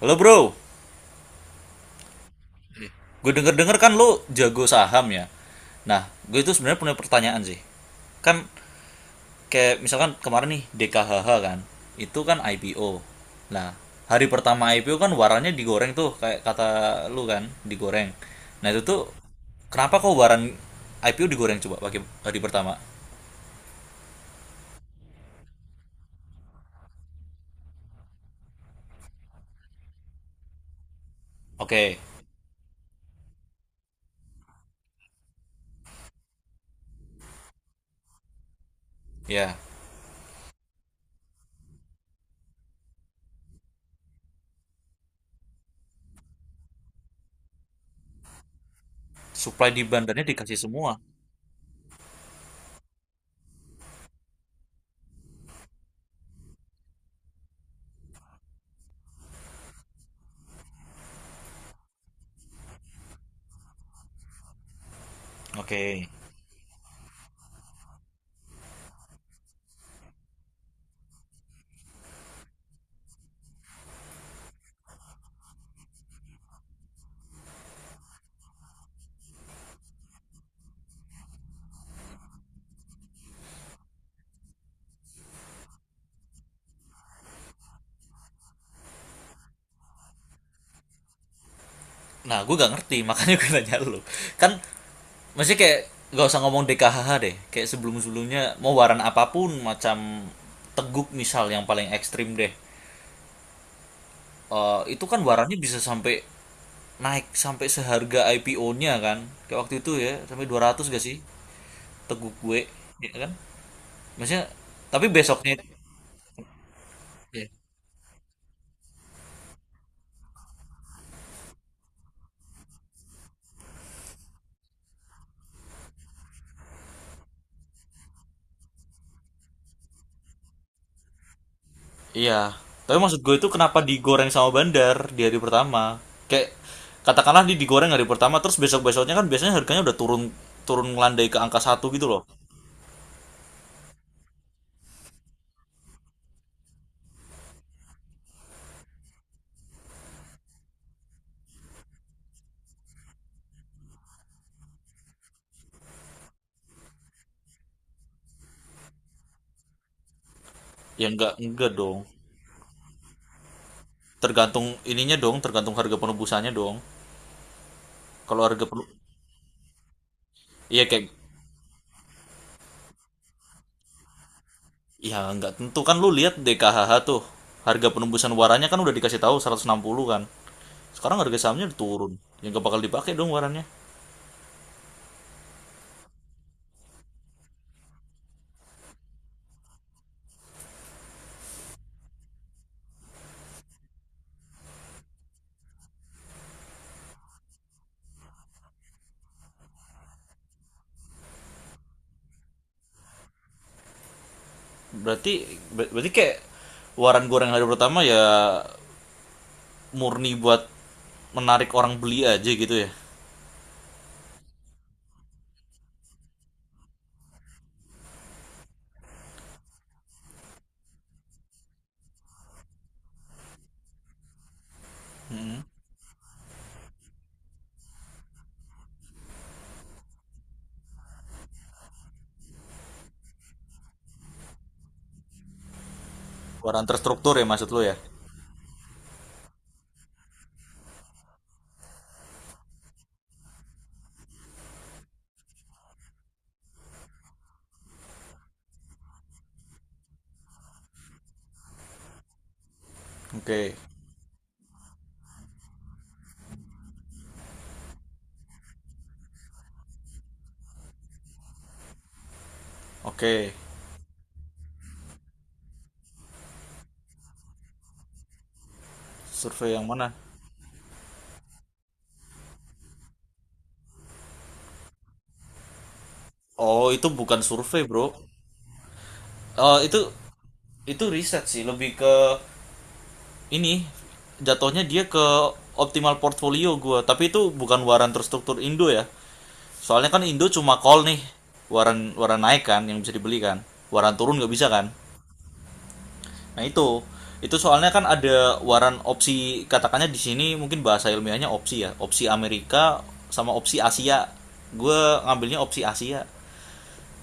Halo bro, gue denger-denger kan lo jago saham ya. Nah, gue itu sebenarnya punya pertanyaan sih. Kan kayak misalkan kemarin nih DKHH kan, itu kan IPO. Nah, hari pertama IPO kan warannya digoreng tuh kayak kata lo kan, digoreng. Nah, itu tuh kenapa kok waran IPO digoreng coba pakai hari pertama? Oke, ya. Supply di bandarnya dikasih semua. Oke. Nah, gue gak ngerti, makanya gue nanya lu. Kan maksudnya kayak gak usah ngomong DKHH deh. Kayak sebelum-sebelumnya mau waran apapun macam teguk misal yang paling ekstrim deh. Eh, itu kan warannya bisa sampai naik sampai seharga IPO-nya kan. Kayak waktu itu ya, sampai 200 gak sih teguk gue, ya kan? Maksudnya tapi besoknya. Iya. Iya, tapi maksud gue itu kenapa digoreng sama bandar di hari pertama? Kayak katakanlah digoreng hari pertama, terus besok besoknya kan biasanya harganya udah turun turun ngelandai ke angka satu gitu loh. Ya enggak dong. Tergantung ininya dong, tergantung harga penebusannya dong. Kalau harga penu- iya kayak ya enggak tentu kan lu lihat DKHH tuh harga penembusan warannya kan udah dikasih tahu 160 kan. Sekarang harga sahamnya udah turun. Ya enggak bakal dipakai dong warannya. Berarti berarti kayak waran goreng hari pertama ya murni buat menarik orang beli aja gitu ya. Mm-mm. Barang terstruktur ya maksud lo ya. Oke. Oke. Survei yang mana? Oh, itu bukan survei, Bro. Oh, itu riset sih, lebih ke ini jatuhnya dia ke optimal portfolio gua, tapi itu bukan waran terstruktur Indo ya. Soalnya kan Indo cuma call nih. Waran waran naik kan yang bisa dibeli kan. Waran turun nggak bisa kan? Nah itu soalnya kan ada waran opsi katakannya di sini mungkin bahasa ilmiahnya opsi ya, opsi Amerika sama opsi Asia. Gue ngambilnya opsi Asia.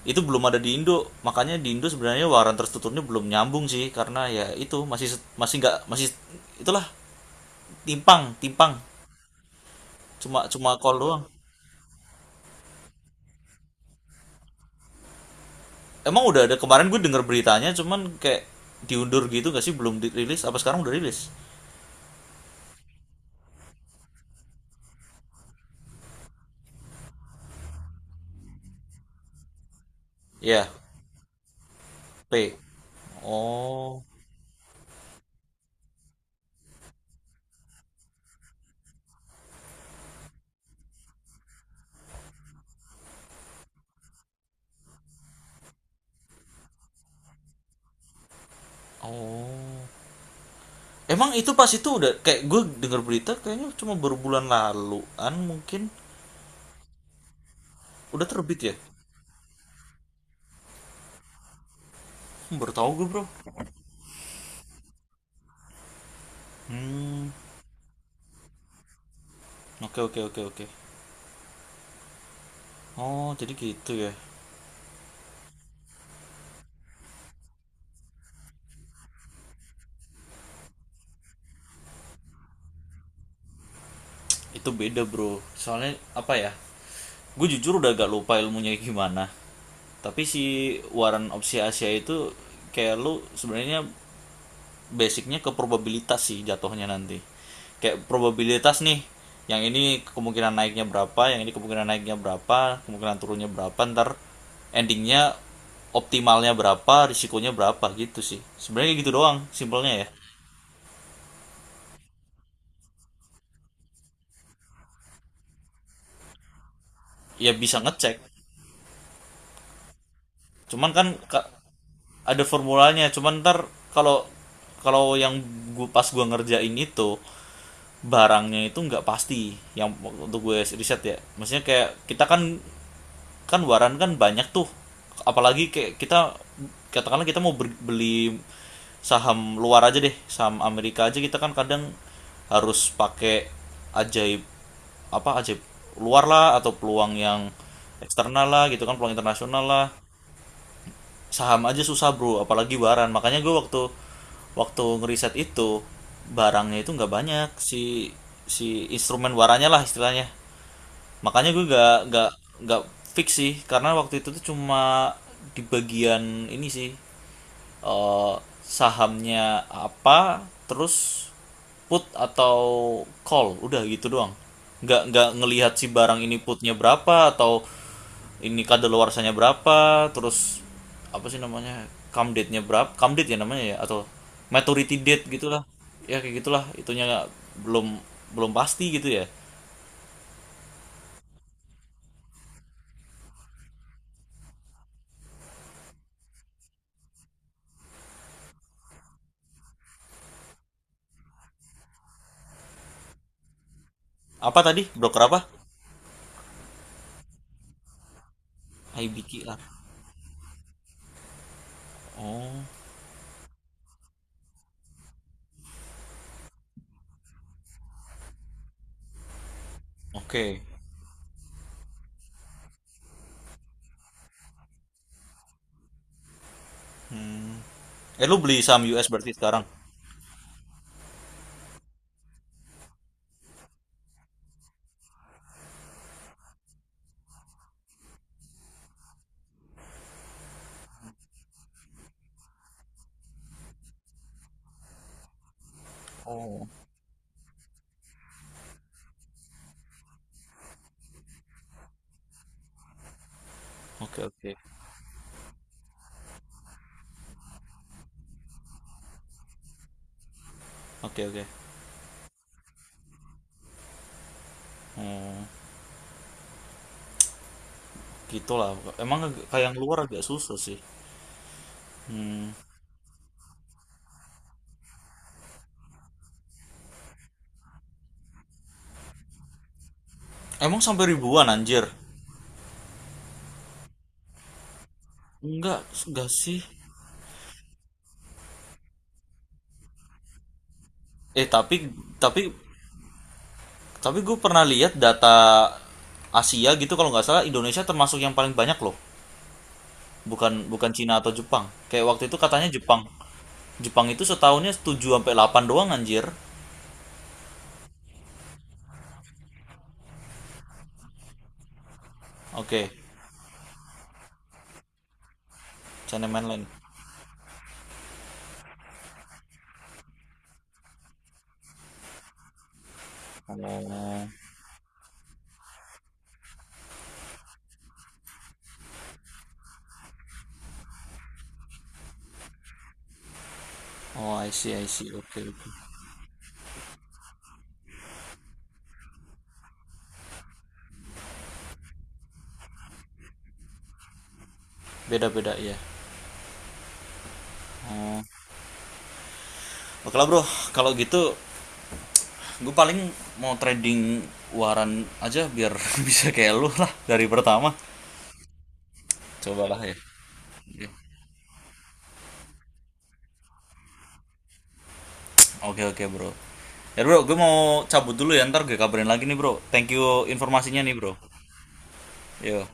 Itu belum ada di Indo, makanya di Indo sebenarnya waran tertuturnya belum nyambung sih karena ya itu masih masih nggak masih itulah timpang timpang cuma cuma call doang. Emang udah ada kemarin gue denger beritanya cuman kayak diundur gitu gak sih belum dirilis apa sekarang udah rilis? Ya, P. Oh. Oh. Emang itu pas itu udah kayak gue denger berita kayaknya cuma baru bulan laluan mungkin udah terbit ya? Hmm, baru tahu gue bro. Hmm, oke oke oke oke. Oh jadi gitu ya? Itu beda bro. Soalnya apa ya? Gue jujur udah agak lupa ilmunya gimana. Tapi si waran opsi Asia itu kayak lu sebenarnya basicnya ke probabilitas sih jatuhnya nanti kayak probabilitas nih yang ini kemungkinan naiknya berapa yang ini kemungkinan naiknya berapa kemungkinan turunnya berapa ntar endingnya optimalnya berapa risikonya berapa gitu sih sebenarnya gitu doang simpelnya ya. Ya bisa ngecek cuman kan ada formulanya cuman ntar kalau kalau yang gua pas gua ngerjain itu barangnya itu nggak pasti yang untuk gue riset ya maksudnya kayak kita kan kan waran kan banyak tuh apalagi kayak kita katakanlah kita mau beli saham luar aja deh saham Amerika aja kita kan kadang harus pakai ajaib apa ajaib luar lah atau peluang yang eksternal lah gitu kan peluang internasional lah saham aja susah bro apalagi waran makanya gue waktu waktu ngeriset itu barangnya itu nggak banyak si si instrumen warannya lah istilahnya. Makanya gue gak fix sih karena waktu itu tuh cuma di bagian ini sih eh, sahamnya apa terus put atau call udah gitu doang. Nggak ngelihat si barang ini putnya berapa atau ini kadaluarsanya berapa terus apa sih namanya come date-nya berapa come date ya namanya ya atau maturity date gitulah ya kayak gitulah itunya belum belum pasti gitu ya apa tadi broker apa IBKR. Oh, oke. Eh lu beli saham US berarti sekarang? Oh. Oke, oke. Oke, oke. Oh, gitulah. Emang kayak yang luar agak susah sih. Hmm. Emang sampai ribuan anjir? Enggak sih. Eh, tapi tapi gue pernah lihat data Asia gitu kalau nggak salah Indonesia termasuk yang paling banyak loh. Bukan bukan Cina atau Jepang. Kayak waktu itu katanya Jepang. Jepang itu setahunnya 7 sampai 8 doang anjir. Oke, China Mainland. Oh, oh I see, I see. Oke, oke. Beda-beda ya. Oh. Oke lah bro, kalau gitu gue paling mau trading waran aja biar bisa kayak lu lah dari pertama. Cobalah ya. Iya. Oke, oke bro. Ya bro, gue mau cabut dulu ya, ntar gue kabarin lagi nih bro. Thank you informasinya nih bro. Yo.